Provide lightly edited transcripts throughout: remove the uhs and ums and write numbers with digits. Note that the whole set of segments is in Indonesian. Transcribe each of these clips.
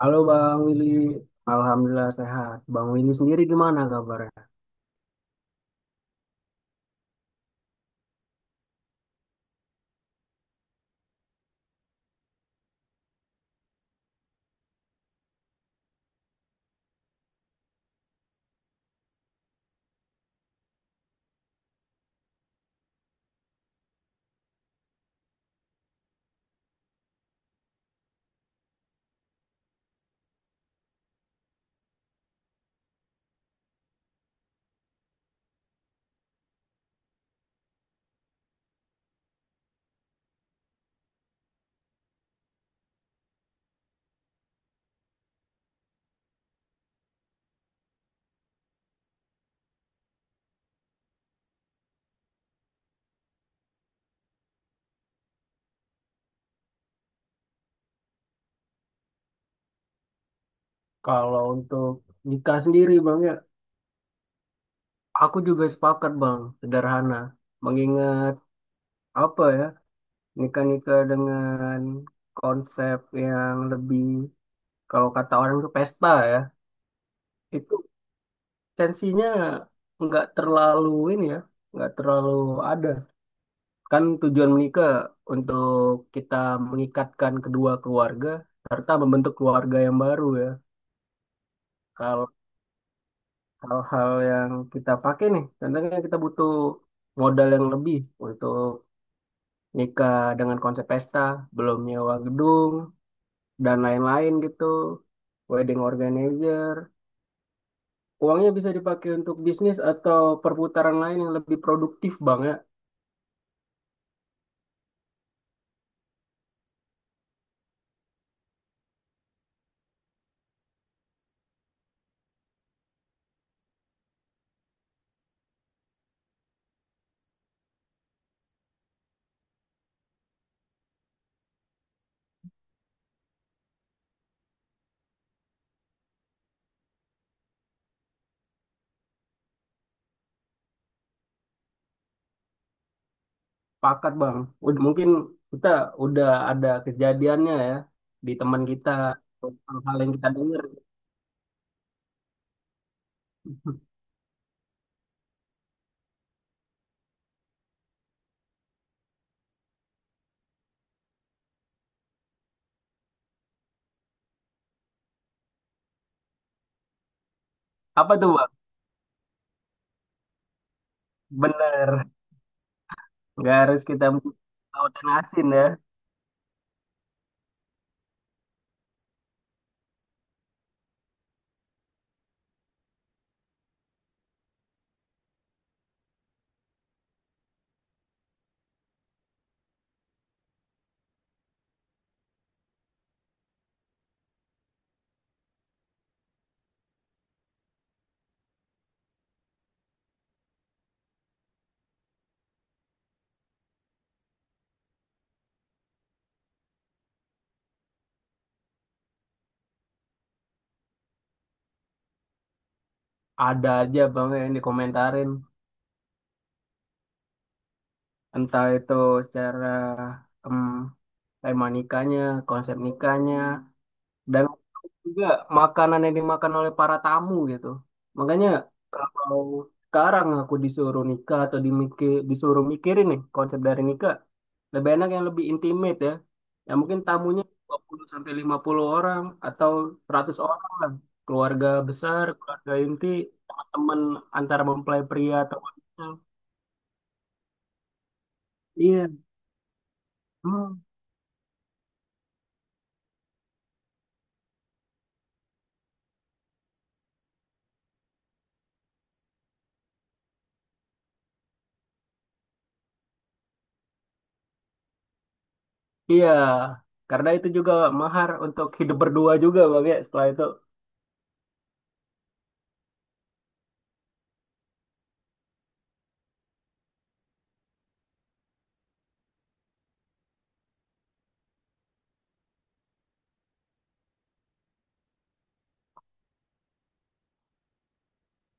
Halo Bang Willy, Alhamdulillah sehat. Bang Willy sendiri gimana kabarnya? Kalau untuk nikah sendiri Bang ya, aku juga sepakat Bang, sederhana. Mengingat apa ya, nikah-nikah dengan konsep yang lebih, kalau kata orang itu pesta ya, itu tensinya nggak terlalu ini ya, nggak terlalu ada. Kan tujuan menikah untuk kita mengikatkan kedua keluarga, serta membentuk keluarga yang baru ya. Kalau hal-hal yang kita pakai nih, contohnya kita butuh modal yang lebih untuk nikah dengan konsep pesta, belum nyewa gedung, dan lain-lain gitu, wedding organizer. Uangnya bisa dipakai untuk bisnis atau perputaran lain yang lebih produktif bang ya, pakat bang. Mungkin kita udah ada kejadiannya ya di teman kita, hal-hal yang kita dengar. Apa tuh bang? Bener, nggak harus kita tahu dan asin ya. Ada aja bang yang dikomentarin, entah itu secara em, tema nikahnya, konsep nikahnya, dan juga makanan yang dimakan oleh para tamu gitu. Makanya kalau sekarang aku disuruh nikah atau dimikir, disuruh mikirin nih konsep dari nikah, lebih enak yang lebih intimate ya. Ya mungkin tamunya 20 sampai 50 orang atau 100 orang lah. Keluarga besar, keluarga inti, teman-teman antara mempelai pria atau wanita. Iya. Hmm, iya, karena itu juga mahar untuk hidup berdua juga bang ya. Setelah itu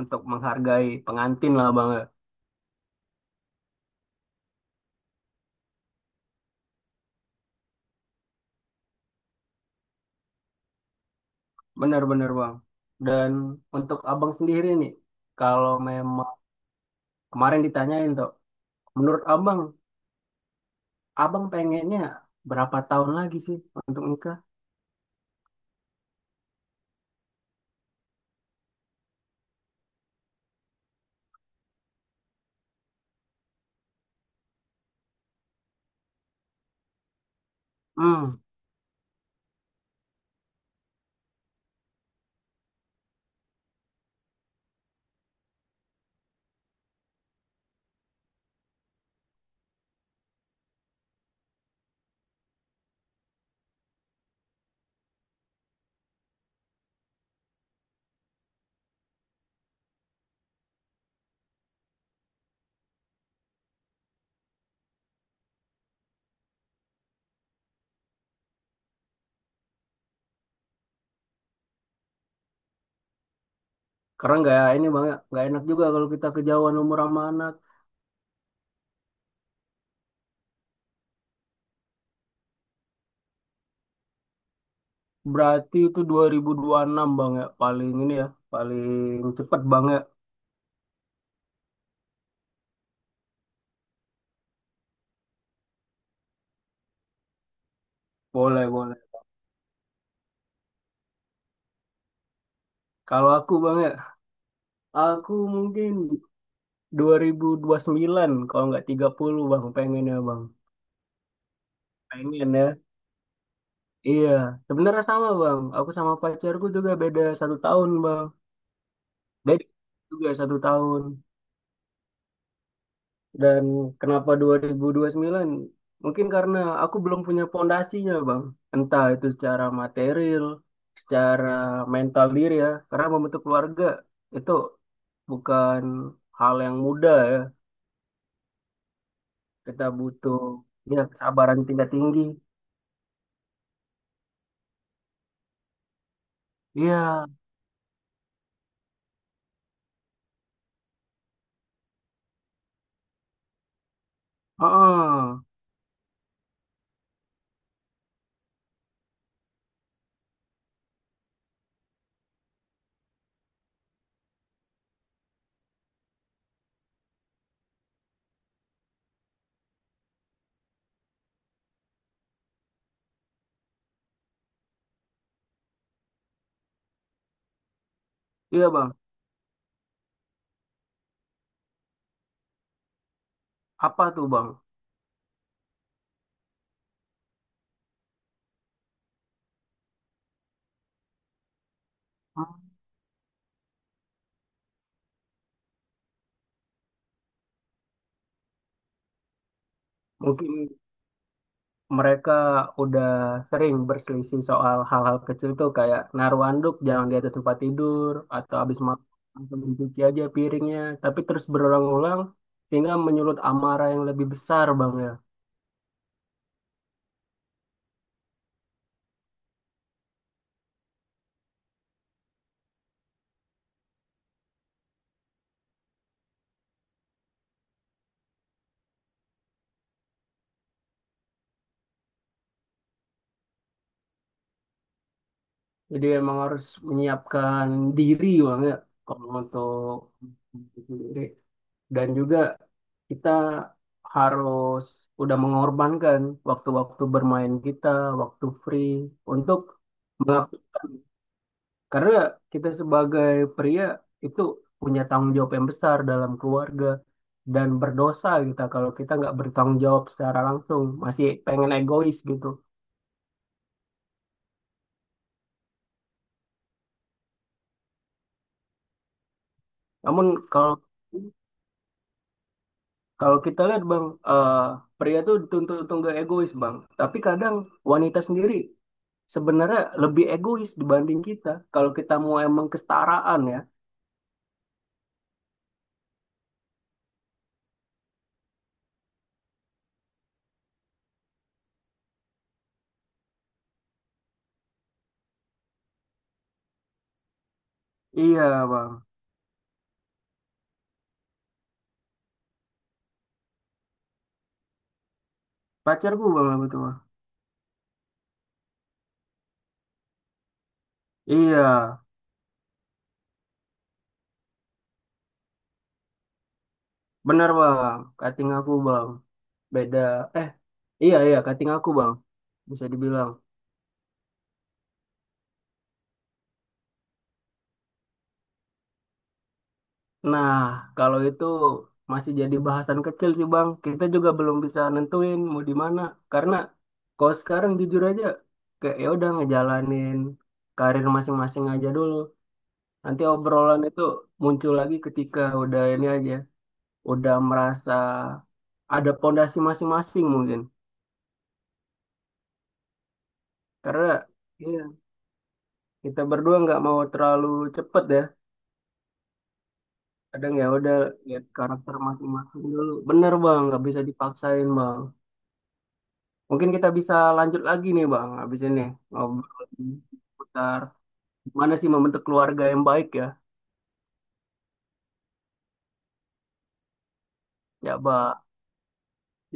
untuk menghargai pengantin lah bang, ya. Benar-benar bang. Dan untuk abang sendiri nih, kalau memang kemarin ditanyain tuh, menurut abang, abang pengennya berapa tahun lagi sih untuk nikah? Hmm, karena nggak ini bang ya, nggak enak juga kalau kita kejauhan umur sama anak. Berarti itu dua ribu enam bang ya, paling ini ya, paling cepet bang ya. Boleh, boleh. Kalau aku bang. Aku mungkin dua ribu sembilan, kalau nggak 30 bang pengennya bang. Pengen ya. Iya, sebenarnya sama bang. Aku sama pacarku juga beda satu tahun bang. Beda juga satu tahun. Dan kenapa dua ribu sembilan? Mungkin karena aku belum punya pondasinya bang. Entah itu secara material, secara mental diri ya. Karena membentuk keluarga itu bukan hal yang mudah ya. Kita butuh ya kesabaran tingkat tinggi. Iya, heeh. Iya bang. Apa tuh bang? Hmm. Mungkin mereka udah sering berselisih soal hal-hal kecil tuh kayak naruh anduk jangan di atas tempat tidur atau habis makan langsung dicuci aja piringnya. Tapi terus berulang-ulang sehingga menyulut amarah yang lebih besar bang ya. Jadi emang harus menyiapkan diri bang ya kalau untuk dan juga kita harus udah mengorbankan waktu-waktu bermain kita, waktu free untuk mengap- karena kita sebagai pria itu punya tanggung jawab yang besar dalam keluarga dan berdosa kita kalau kita nggak bertanggung jawab secara langsung, masih pengen egois gitu. Namun kalau kalau kita lihat bang, eh, pria tuh dituntut untuk nggak egois bang, tapi kadang wanita sendiri sebenarnya lebih egois dibanding kita. Kalau kita mau emang kesetaraan ya. Iya bang, pacarku bang apa itu bang. Iya, benar bang, kating aku bang. Beda, eh iya iya kating aku bang, bisa dibilang. Nah, kalau itu masih jadi bahasan kecil sih bang. Kita juga belum bisa nentuin mau di mana. Karena kalau sekarang jujur aja, kayak ya udah ngejalanin karir masing-masing aja dulu. Nanti obrolan itu muncul lagi ketika udah ini aja. Udah merasa ada pondasi masing-masing mungkin. Karena iya, kita berdua nggak mau terlalu cepet ya. Kadang ya udah lihat karakter masing-masing dulu. Bener bang, nggak bisa dipaksain bang. Mungkin kita bisa lanjut lagi nih bang, habis ini ngobrol seputar gimana sih membentuk keluarga yang baik ya. Ya bang,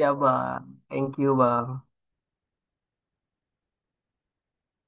ya bang. Thank you bang.